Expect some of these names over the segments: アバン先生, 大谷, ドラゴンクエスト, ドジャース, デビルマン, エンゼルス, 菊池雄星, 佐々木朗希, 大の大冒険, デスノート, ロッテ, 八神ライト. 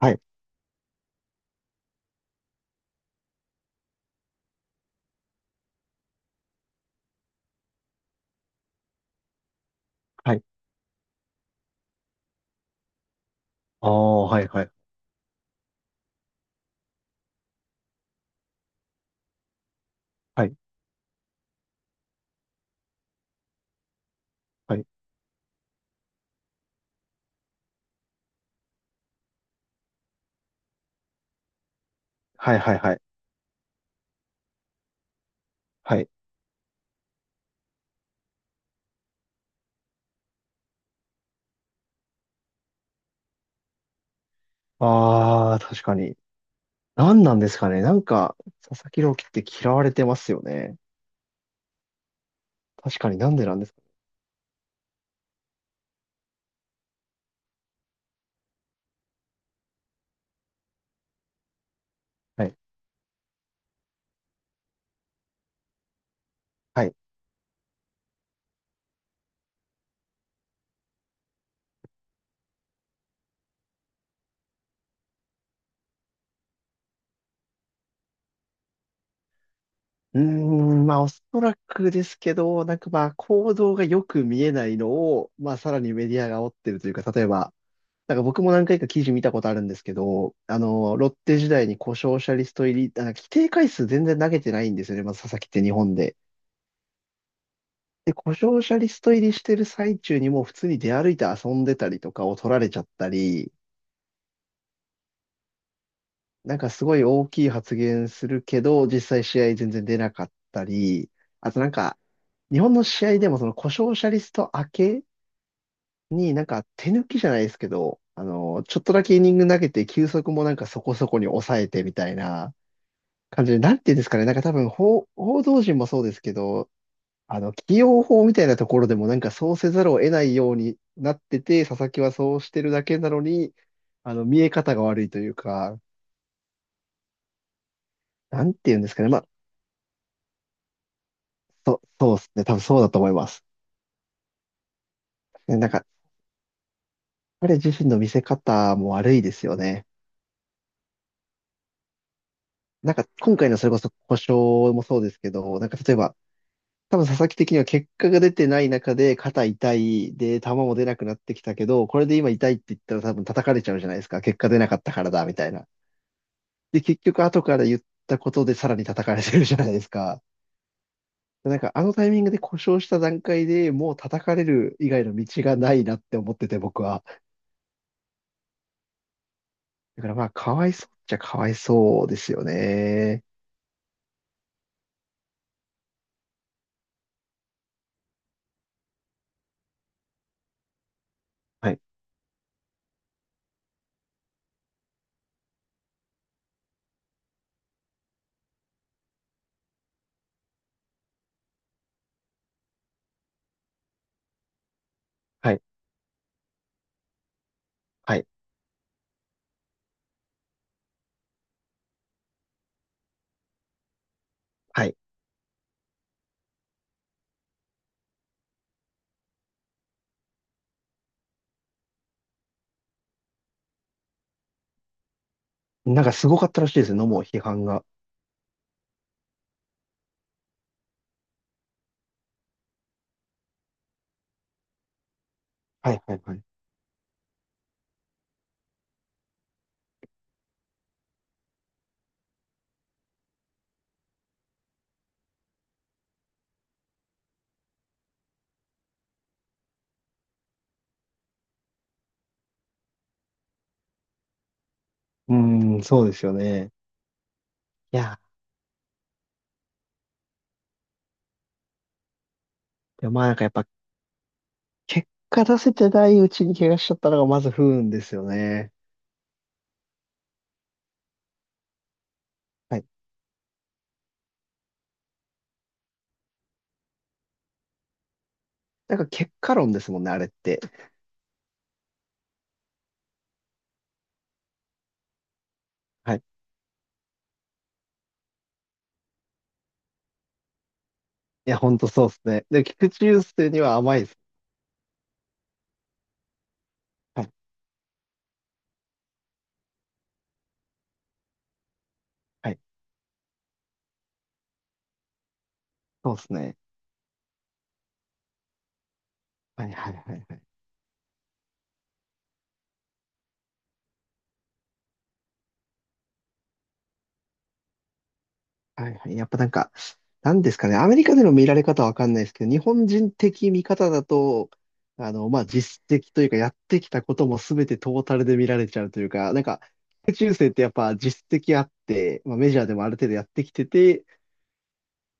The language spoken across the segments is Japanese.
はい、はい。ああ、はい、はい、はい、はい、はい、はい、はい。はいああ、確かに。何なんですかね。なんか、佐々木朗希って嫌われてますよね。確かになんでなんですか。はい、はい。うーん、まあ、おそらくですけど、なんかまあ、行動がよく見えないのを、まあ、さらにメディアが煽ってるというか、例えば、なんか僕も何回か記事見たことあるんですけど、あの、ロッテ時代に故障者リスト入り、あ規定回数全然投げてないんですよね。まず佐々木って日本で。で、故障者リスト入りしてる最中にもう普通に出歩いて遊んでたりとかを取られちゃったり、なんかすごい大きい発言するけど、実際試合全然出なかったり、あとなんか、日本の試合でもその故障者リスト明けになんか手抜きじゃないですけど、あの、ちょっとだけイニング投げて球速もなんかそこそこに抑えてみたいな感じで、なんていうんですかね、なんか多分報道陣もそうですけど、あの、起用法みたいなところでもなんかそうせざるを得ないようになってて、佐々木はそうしてるだけなのに、あの、見え方が悪いというか、なんて言うんですかね。まあ、そう、そうですね。多分そうだと思います。ねなんか、彼自身の見せ方も悪いですよね。なんか、今回のそれこそ故障もそうですけど、なんか例えば、多分佐々木的には結果が出てない中で肩痛いで球も出なくなってきたけど、これで今痛いって言ったら多分叩かれちゃうじゃないですか。結果出なかったからだ、みたいな。で、結局後から言ったことでさらに叩かれてるじゃないですか。なんかあのタイミングで故障した段階でもう叩かれる以外の道がないなって思ってて僕は。だからまあかわいそうっちゃかわいそうですよね。はい、はい、はい、はい。なんかすごかったらしいですね、もう批判が。はいはいはい。うーん、そうですよね。いや、でもまあなんかやっぱ結果出せてないうちに怪我しちゃったのがまず不運ですよね。はい。なんか結果論ですもんね、あれって。はいいや、ほんとそうですね。で、菊池雄星には甘いです。はい、はい、そうですね。はい、はい、はい、はい。はい、はい。やっぱなんか、なんですかね、アメリカでの見られ方はわかんないですけど、日本人的見方だと、あの、まあ、実績というか、やってきたことも全てトータルで見られちゃうというか、なんか、菊池雄星ってやっぱ実績あって、まあ、メジャーでもある程度やってきてて、っ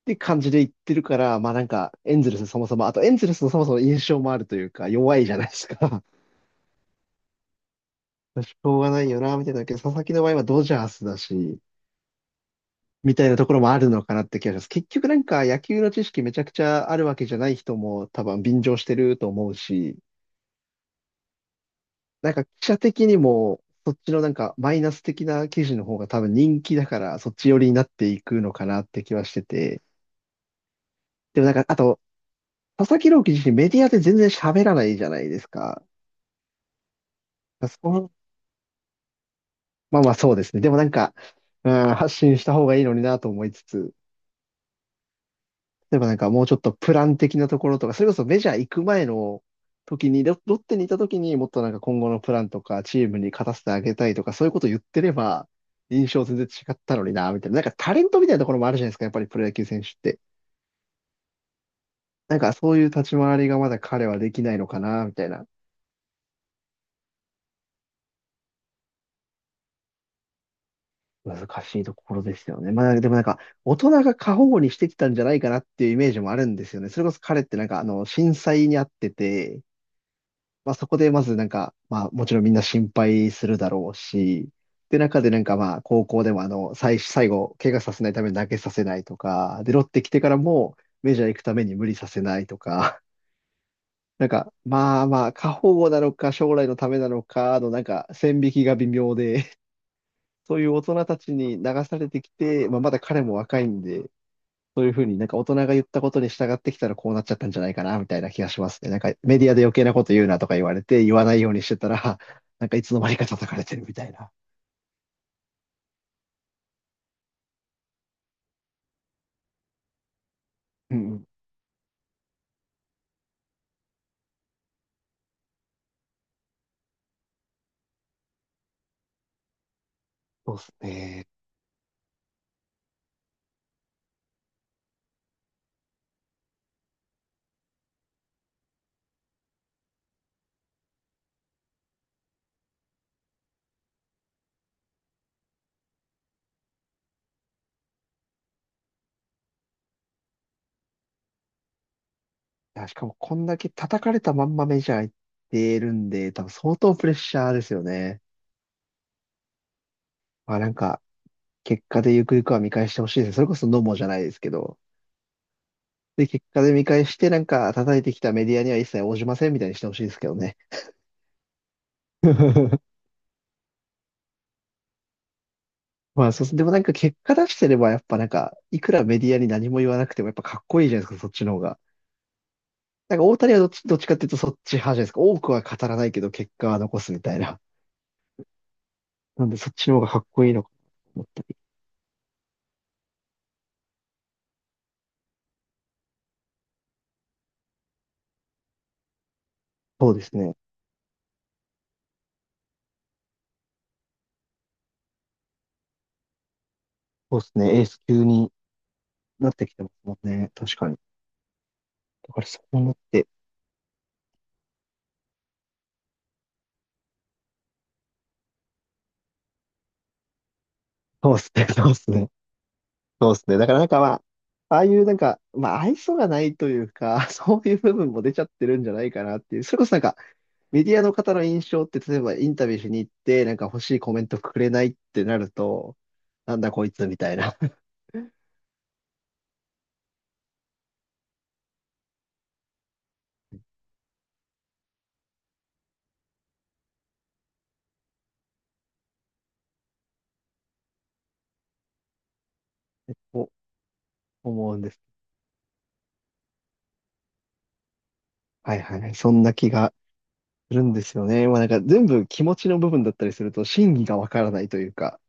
て感じで言ってるから、まあなんか、エンゼルスそもそも、あとエンゼルスのそもそも印象もあるというか、弱いじゃないですか。しょうがないよな、みたいな。けど、佐々木の場合はドジャースだし、みたいなところもあるのかなって気がします。結局なんか野球の知識めちゃくちゃあるわけじゃない人も多分便乗してると思うし、なんか記者的にもそっちのなんかマイナス的な記事の方が多分人気だからそっち寄りになっていくのかなって気はしてて。でもなんか、あと、佐々木朗希自身メディアで全然喋らないじゃないですか。そのまあまあそうですね。でもなんか、うん、発信した方がいいのになと思いつつ。例えばなんかもうちょっとプラン的なところとか、それこそメジャー行く前の時に、ロッテにいた時にもっとなんか今後のプランとか、チームに勝たせてあげたいとか、そういうこと言ってれば、印象全然違ったのにな、みたいな。なんかタレントみたいなところもあるじゃないですか、やっぱりプロ野球選手って。なんかそういう立ち回りがまだ彼はできないのかな、みたいな。難しいところですよね。まあでもなんか、大人が過保護にしてきたんじゃないかなっていうイメージもあるんですよね。それこそ彼ってなんか、あの、震災にあってて、まあそこでまずなんか、まあもちろんみんな心配するだろうし、で中でなんかまあ高校でもあの、最後、怪我させないために投げさせないとか、で、ロッテ来てからもメジャー行くために無理させないとか、なんかまあまあ、過保護なのか将来のためなのかのなんか線引きが微妙で、そういう大人たちに流されてきて、まあまだ彼も若いんで、そういうふうになんか大人が言ったことに従ってきたらこうなっちゃったんじゃないかな、みたいな気がしますね。なんかメディアで余計なこと言うなとか言われて、言わないようにしてたら、なんかいつの間にか叩かれてるみたいな。うんうん。そうですね。いやしかもこんだけ叩かれたまんまメジャー行ってるんで、多分相当プレッシャーですよね。まあなんか、結果でゆくゆくは見返してほしいです。それこそノモじゃないですけど。で、結果で見返してなんか叩いてきたメディアには一切応じませんみたいにしてほしいですけどね。まあ、そうそう、でもなんか結果出してれば、やっぱなんか、いくらメディアに何も言わなくても、やっぱかっこいいじゃないですか、そっちの方が。なんか大谷はどっちかっていうとそっち派じゃないですか。多くは語らないけど、結果は残すみたいな。なんで、そっちの方がかっこいいのかなと思ったり。そうですね。そうですね。エース級になってきてますもんね。確かに。だからそう思って。そうですね。そうですね。そうですね。だからなんかまあ、ああいうなんか、まあ、愛想がないというか、そういう部分も出ちゃってるんじゃないかなっていう。それこそなんか、メディアの方の印象って、例えばインタビューしに行って、なんか欲しいコメントくれないってなると、なんだこいつみたいな、お思うんです。はいはいはい。そんな気がするんですよね。まあなんか全部気持ちの部分だったりすると、真偽がわからないというか、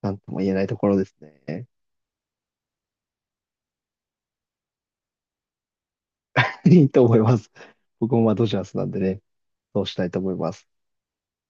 なんとも言えないところですね。いいと思います。僕もまあドジャースなんでね、そうしたいと思います。